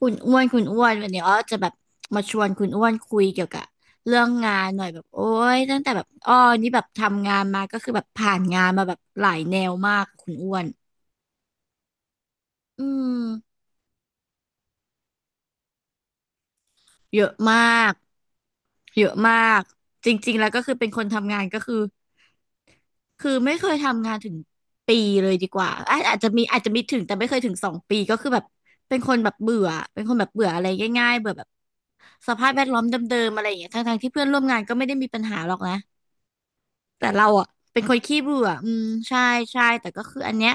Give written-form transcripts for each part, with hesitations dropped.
คุณอ้วนคุณอ้วนวันนี้อ้อจะแบบมาชวนคุณอ้วนคุยเกี่ยวกับเรื่องงานหน่อยแบบโอ้ยตั้งแต่แบบอ้อนี่แบบทำงานมาก็คือแบบผ่านงานมาแบบหลายแนวมากคุณอ้วนอืมเยอะมากเยอะมากจริงๆแล้วก็คือเป็นคนทำงานก็คือคือไม่เคยทำงานถึงปีเลยดีกว่าอาจจะมีถึงแต่ไม่เคยถึง2 ปีก็คือแบบเป็นคนแบบเบื่อเป็นคนแบบเบื่ออะไรง่ายๆเบื่อแบบสภาพแวดล้อมเดิมๆอะไรอย่างเงี้ยทั้งๆที่เพื่อนร่วมงานก็ไม่ได้มีปัญหาหรอกนะ แต่เราอ่ะเป็นคนขี้เบื่ออืมใช่ใช่แต่ก็คืออันเนี้ย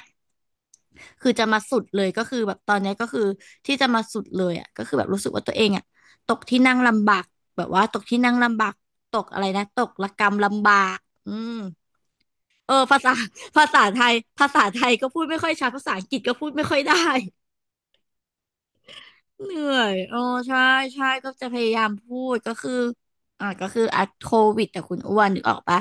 คือจะมาสุดเลยก็คือแบบตอนเนี้ยก็คือที่จะมาสุดเลยอ่ะก็คือแบบรู้สึกว่าตัวเองอ่ะตกที่นั่งลำบากแบบว่าตกที่นั่งลำบากตกอะไรนะตกระกำลำบากอืมเออภาษาภาษาไทยภาษาไทยก็พูดไม่ค่อยชัดภาษาอังกฤษก็พูดไม่ค่อยได้ เหนื่อยโอ้ใช่ ใช่ ก็จะพยายามพูด ก็คือก็คือโควิดแต่คุณอ้วนนึกออกปะ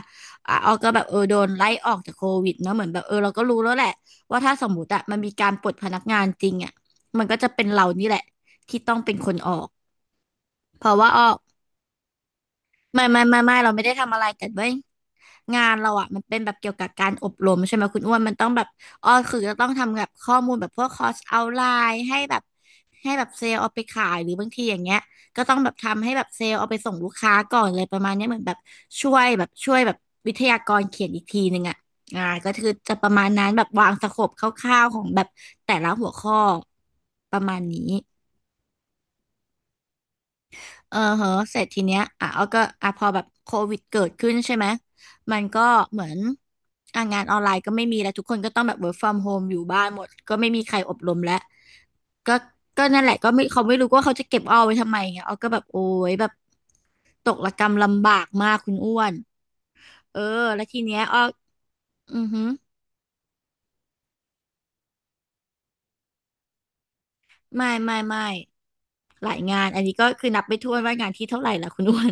อ่ะออกก็แบบเออโดนไล่ออกจากโควิดเนอะเหมือนแบบเออเราก็รู้แล้วแหละว่าถ้าสมมติอะมันมีการปลดพนักงานจริงอะมันก็จะเป็นเรานี่แหละที่ต้องเป็นคนออกเพราะว่าอ้ก ไม่เราไม่ได้ทำอะไรแต่เว้ยงานเราอ่ะมันเป็นแบบเกี่ยวกับการอบรมใช่ไหมคุณอ้วนมันต้องแบบอ๋อคือจะต้องทำแบบข้อมูลแบบพวกคอร์สเอาไลน์ให้แบบให้แบบเซลล์เอาไปขายหรือบางทีอย่างเงี้ยก็ต้องแบบทำให้แบบเซลล์เอาไปส่งลูกค้าก่อนเลยประมาณเนี้ยเหมือนแบบช่วยแบบวิทยากรเขียนอีกทีหนึ่งอ่ะอ่าก็คือจะประมาณนั้นแบบวางสโคปคร่าวๆของแบบแต่ละหัวข้อประมาณนี้ เออเหอะเสร็จทีเนี้ยอ่ะเอาก็อ่ะพอแบบโควิดเกิดขึ้นใช่ไหมมันก็เหมือนอ่ะงานออนไลน์ก็ไม่มีแล้วทุกคนก็ต้องแบบ work from home อยู่บ้านหมดก็ไม่มีใครอบรมแล้วก็ก็นั่นแหละก็ไม่เขาไม่รู้ว่าเขาจะเก็บอ้อไว้ทำไมไงเอาก็แบบโอ้ยแบบตกระกำลำบากมากคุณอ้วนเออแล้วทีเนี้ยอ้ออือหือไม่หลายงานอันนี้ก็คือนับไปทั่ถ้วนว่างานที่เท่าไหร่ล่ะคุณอ้วน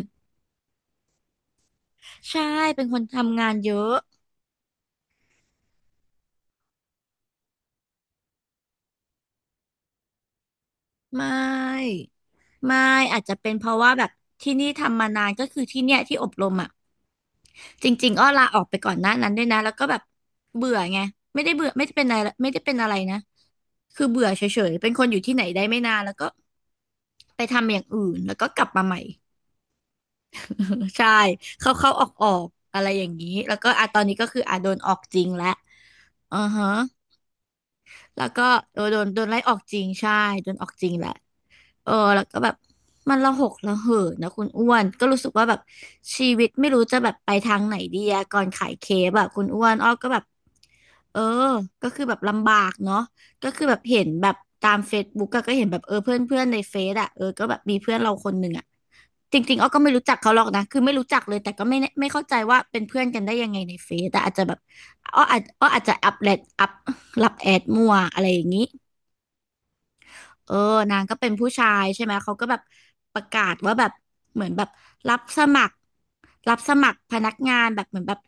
ใช่เป็นคนทำงานเยอะ ไม่ไม่อาจจะเป็นเพราะว่าแบบที่นี่ทำมานานก็คือที่เนี่ยที่อบรมอ่ะจริงๆอ้อลาออกไปก่อนหน้านั้นด้วยนะแล้วก็แบบเบื่อไงไม่ได้เบื่อไม่ได้เป็นอะไรไม่ได้เป็นอะไรนะคือเบื่อเฉยๆเป็นคนอยู่ที่ไหนได้ไม่นานแล้วก็ไปทำอย่างอื่นแล้วก็กลับมาใหม่ ใช่เข้าเข้าออกออกๆอะไรอย่างนี้แล้วก็อ่ะตอนนี้ก็คืออ่ะโดนออกจริงแล้วอือฮะ แล้วก็โดนไล่ออกจริงใช่โดนออกจริงแหละเออแล้วก็แบบมันระหกระเหินนะคุณอ้วนก็รู้สึกว่าแบบชีวิตไม่รู้จะแบบไปทางไหนดีอะก่อนขายเคแบบคุณอ้วนอ้อก็แบบเออก็คือแบบลำบากเนาะ ก็คือแบบเห็นแบบตามเฟซบุ๊กก็เห็นแบบเออเพื่อนเพื่อนในเฟซอะเออก็แบบมีเพื่อนเราคนหนึ่งอะจริงๆอ้อก็ไม่รู้จักเขาหรอกนะคือไม่รู้จักเลยแต่ก็ไม่แน่ไม่เข้าใจว่าเป็นเพื่อนกันได้ยังไงในเฟซแต่อาจจะแบบอ้ออาจจะอัปรับแอดมั่วอะไรอย่างนี้ เออนางก็เป็นผู้ชายใช่ไหมเขาก็แบบประกาศว่าแบบเหมือนแบบรับสมัครรับสมัครพนักงานแบบเหมือนแบบ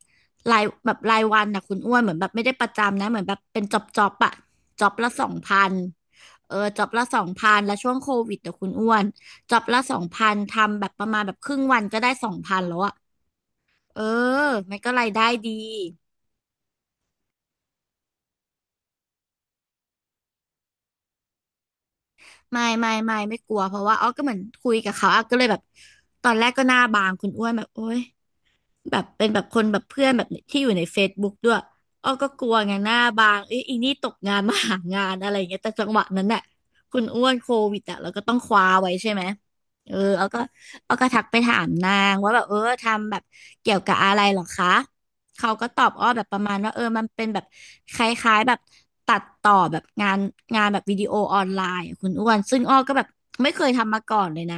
รายวันนะคุณอ้วนเหมือนแบบไม่ได้ประจำนะเหมือนแบบเป็นจ็อบจ็อบอะจ็อบละสองพันเออจ็อบละสองพันแล้วช่วงโควิดแต่คุณอ้วนจ็อบละสองพันทำแบบประมาณแบบครึ่งวันก็ได้สองพันแล้วอะเออมันก็รายได้ดีไม่กลัวเพราะว่าอ๋อก็เหมือนคุยกับเขาอ่ะก็เลยแบบตอนแรกก็หน้าบางคุณอ้วนแบบโอ๊ย แบบเป็นแบบคนแบบเพื่อนแบบที่อยู่ใน Facebook ด้วยอ้อก็กลัวไงหน้าบางเอ้ยอีนี่ตกงานมาหางานอะไรอย่างเงี้ยแต่จังหวะนั้นน่ะคุณอ้วนโควิดอ่ะเราก็ต้องคว้าไว้ใช่ไหมเออเอาก็ทักไปถามนางว่าแบบทำแบบเกี่ยวกับอะไรเหรอคะเขาก็ตอบอ้อแบบประมาณว่าเออมันเป็นแบบคล้ายๆแบบตัดต่อแบบงานแบบวิดีโอออนไลน์อะคุณอ้วนซึ่งอ้อก็แบบไม่เคยทำมาก่อนเลยนะ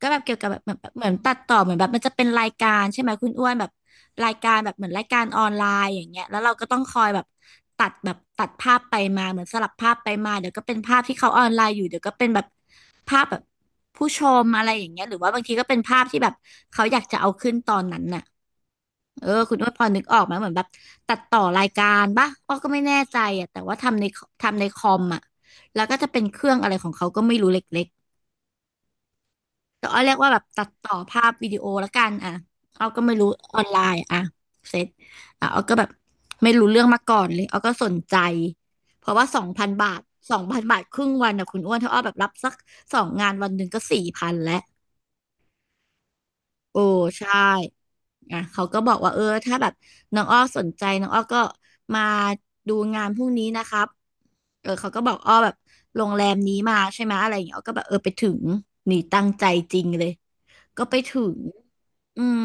ก็แบบเกี่ยวกับแบบเหมือนตัดต่อเหมือนแบบมันจะเป็นรายการใช่ไหมคุณอ้วนแบบรายการแบบเหมือนรายการออนไลน์อย่างเงี้ยแล้วเราก็ต้องคอยแบบตัดภาพไปมาเหมือนสลับภาพไปมาเดี๋ยวก็เป็นภาพที่เขาออนไลน์อยู่เดี๋ยวก็เป็นแบบภาพแบบผู้ชมอะไรอย่างเงี้ยหรือว่าบางทีก็เป็นภาพที่แบบเขาอยากจะเอาขึ้นตอนนั้นน่ะเออคุณอ้วนพอนึกออกไหมเหมือนแบบตัดต่อรายการปะอ้อก็ไม่แน่ใจอ่ะแต่ว่าทำในคอมอ่ะแล้วก็จะเป็นเครื่องอะไรของเขาก็ไม่รู้เล็ก แต่อ้อเรียกว่าแบบตัดต่อภาพวิดีโอละกันอ่ะอ้อก็ไม่รู้ออนไลน์อ่ะเสร็จอ่ะอ้อก็แบบไม่รู้เรื่องมาก่อนเลยอ้อก็สนใจเพราะว่าสองพันบาทสองพันบาทครึ่งวันนะคุณอ้วนถ้าอ้อแบบรับสักสองงานวันหนึ่งก็สี่พันแล้วโอ้ใช่อ่ะเขาก็บอกว่าเออถ้าแบบน้องอ้อสนใจน้องอ้อก็มาดูงานพรุ่งนี้นะครับเออเขาก็บอกอ้อแบบโรงแรมนี้มาใช่ไหมอะไรอย่างเงี้ยอ้อก็แบบเออไปถึงนี่ตั้งใจจริงเลย ก็ไปถึงอืม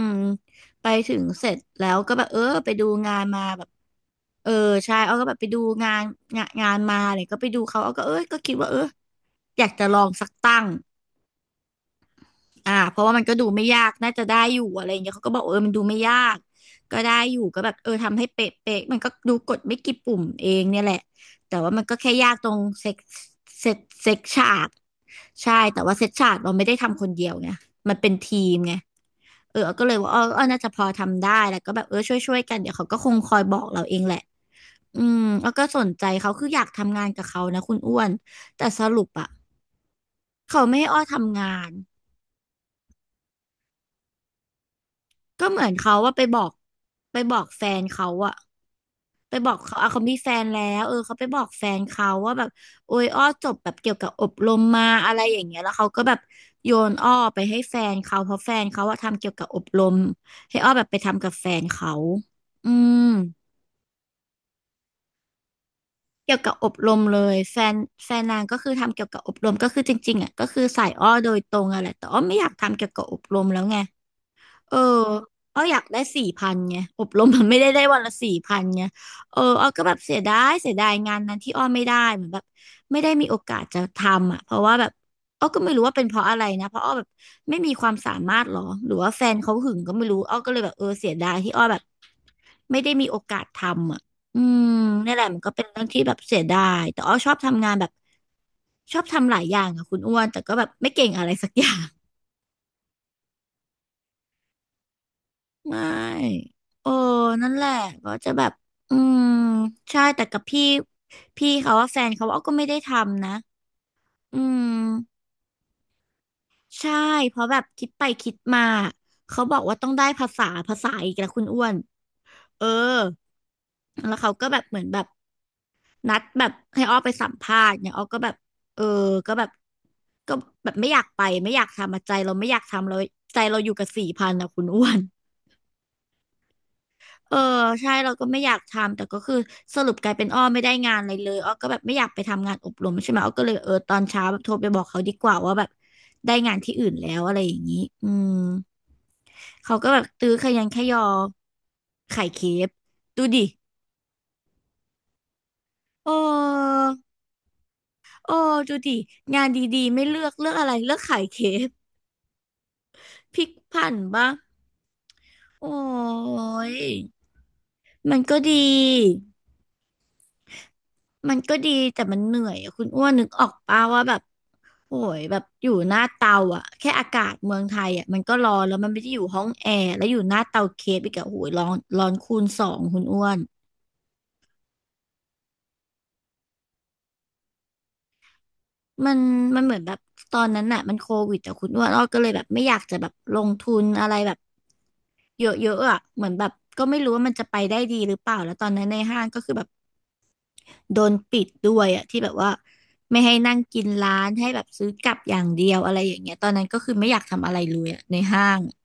ไปถึงเสร็จแล้วก็แบบเออไปดูงานมาแบบเออใช่เอาก็แบบไปดูงานงานมาเนี่ยก็ไปดูเขาเอาก็เออก็คิดว่าเอออยากจะลองสักตั้งอ่าเพราะว่ามันก็ดูไม่ยากน่าจะได้อยู่อะไรอย่างเงี้ยเขาก็บอกเออมันดูไม่ยากก็ได้อยู่ก็แบบเออทำให้เป๊ะเป๊ะมันก็ดูกดไม่กี่ปุ่มเองเนี่ยแหละแต่ว่ามันก็แค่ยากตรงเซ็กเซ็กฉากใช่แต่ว่าเซ็กฉากเราไม่ได้ทำคนเดียวไงมันเป็นทีมไง เออก็เลยว่าอ้อน่าจะพอทำได้ แล้วก็แบบเออช่วยกันเดี๋ยวเขาก็คงคอยบอกเราเองแหละอืมอ้อก็สนใจเขาคืออยากทำงานกับเขานะคุณอ้วนแต่สรุปอะเขาไม่ให้อ้อทำงานก็เหมือนเขาว่าไปบอกแฟนเขาอะไปบอกเขาอ่ะเขามีแฟนแล้วเออเขาไปบอกแฟนเขาว่าแบบโอ้ยอ้อจบแบบเกี่ยวกับอบรมมาอะไรอย่างเงี้ยแล้วเขาก็แบบโยนอ้อไปให้แฟนเขาเพราะแฟนเขาอะทำเกี่ยวกับอบรมให้อ้อแบบไปทำกับแฟนเขาอืม เกี่ยวกับอบรมเลยแฟนนางก็คือทำเกี่ยวกับอบรมก็คือจริงๆอ่ะก็คือสายอ้อโดยตรงอะแหละแต่อ้อไม่อยากทำเกี่ยวกับอบรมแล้วไง เอออ้ออยากได้สี่พันไงอบรมมันไม่ได้ได้วันละสี่พันไงเอออ้อก็แบบเสียดายงานนั้นที่อ้อไม่ได้เหมือนแบบไม่ได้มีโอกาสจะทำอ่ะเพราะว่าแบบอ้อก็ไม่รู้ว่าเป็นเพราะอะไรนะเพราะอ้อแบบไม่มีความสามารถหรอหรือว่าแฟนเขาหึงก็ไม่รู้อ้อก็เลยแบบเออเสียดายที่อ้อแบบไม่ได้มีโอกาสทำอ่ะอืมนี่นแหละมันก็เป็นเรื่องที่แบบเสียดายแต่อ้อชอบทำงานแบบชอบทำหลายอย่างอะคุณอ้วนแต่ก็แบบไม่เก่งอะไรสักอย่าง ไม่ เออ นั่นแหละก็จะแบบอืมใช่แต่กับพี่เขาว่าแฟนเขาว่าก็ไม่ได้ทำนะ อืมใช่เพราะแบบคิดไปคิดมา เขาบอกว่าต้องได้ภาษาอีกแล้วคุณอ้วนเออแล้วเขาก็แบบเหมือนแบบนัดแบบให้อ้อไปสัมภาษณ์เนี่ยอ้อก็แบบเออก็แบบก็แบบไม่อยากไปไม่อยากทำอะใจเราไม่อยากทำเราใจเราอยู่กับสี่พันอะคุณอ้วน เออใช่เราก็ไม่อยากทำแต่ก็คือสรุปกลายเป็นอ้อไม่ได้งานอะไรเลยอ้อก็แบบไม่อยากไปทำงานอบรมใช่ไหมอ้อก็เลยเออตอนเช้าแบบโทรไปบอกเขาดีกว่าว่าแบบได้งานที่อื่นแล้วอะไรอย่างนี้อืมเขาก็แบบตื้อขยันขยอไข่เคฟดูดิโอ้โอ้ดูดิงานดีๆไม่เลือกเลือกอะไรเลือกไข่เคฟพลิกผันบ้างโอ้ยมันก็ดี มันก็ดีแต่มันเหนื่อยอะคุณอ้วนนึกออกป่าว่าแบบโอ้ยแบบอยู่หน้าเตาอ่ะแค่อากาศเมืองไทยอ่ะมันก็ร้อนแล้วมันไม่ได้อยู่ห้องแอร์แล้วอยู่หน้าเตาเคฟอีกอะโอ้ยร้อนร้อนคูณสองคุณอ้วนมันมันเหมือนแบบตอนนั้นน่ะมันโควิดแต่คุณอ้วนอ้อก็เลยแบบไม่อยากจะแบบลงทุนอะไรแบบเยอะๆอ่ะเหมือนแบบก็ไม่รู้ว่ามันจะไปได้ดีหรือเปล่าแล้วตอนนั้นในห้างก็คือแบบ โดนปิดด้วยอะที่แบบว่าไม่ให้นั่งกินร้านให้แบบซื้อกลับอย่างเดียวอะไรอย่างเงี้ยตอนนั้นก็คือไม่อยากทำอะไรเลยอะในห้างอะ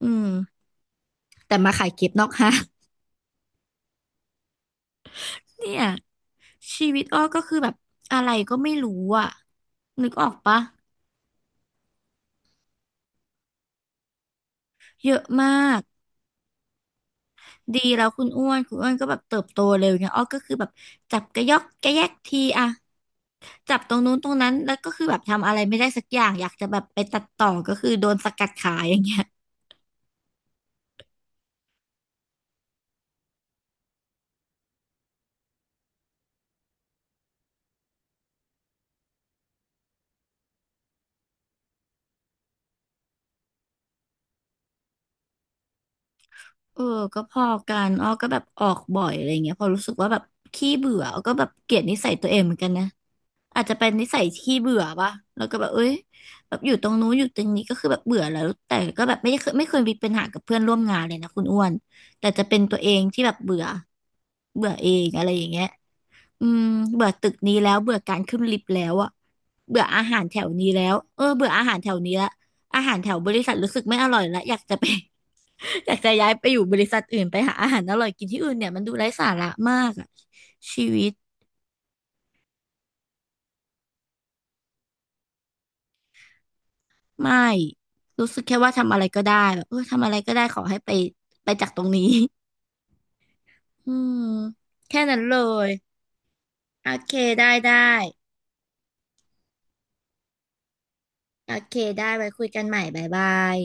อืมแต่มาขายเก็บนอกห้าง เนี่ยชีวิตอ้อก็คือแบบอะไรก็ไม่รู้อะนึกออกปะเยอะมากดีแล้วคุณอ้วนคุณอ้วนก็แบบเติบโตเร็วเนี่ยอ้อก็คือแบบจับกระยอกกระแยกทีอะจับตรงนู้นตรงนั้นแล้วก็คือแบบทำอะไรไม่ได้สักอย่างอยากจะแบบไปตัดต่อก็คือโดนสกัดขายอย่างเงี้ย เออก็พอกันอ้อก็แบบออกบ่อยอะไรเงี้ยพอรู้สึกว่าแบบขี้เบื่ออ้อก็แบบเกลียดนิสัยตัวเองเหมือนกันนะอาจจะเป็นนิสัยขี้เบื่อป่ะแล้วก็แบบเอ้ยแบบอยู่ตรงนู้นอยู่ตรงนี้ก็คือแบบเบื่อแล้วแต่ก็แบบไม่เคยมีปัญหากับเพื่อนร่วมงานเลยนะคุณอ้วนแต่จะเป็นตัวเองที่แบบเบื่อเบื่อเองอะไรอย่างเงี้ยอืมเบื่อตึกนี้แล้วเบื่อการขึ้นลิฟต์แล้วอะเบื่ออาหารแถวนี้แล้วเออเบื่ออาหารแถวนี้ละอาหารแถวบริษัทรู้สึกไม่อร่อยละอยากจะไป อยากจะย้ายไปอยู่บริษัทอื่นไปหาอาหารอร่อยกินที่อื่นเนี่ยมันดูไร้สาระมากอะชีวิตไม่รู้สึกแค่ว่าทำอะไรก็ได้แบบเออทำอะไรก็ได้ขอให้ไปไปจากตรงนี้ อืมแค่นั้นเลยโอเคได้โอเคได้ไว้คุยกันใหม่บ๊ายบาย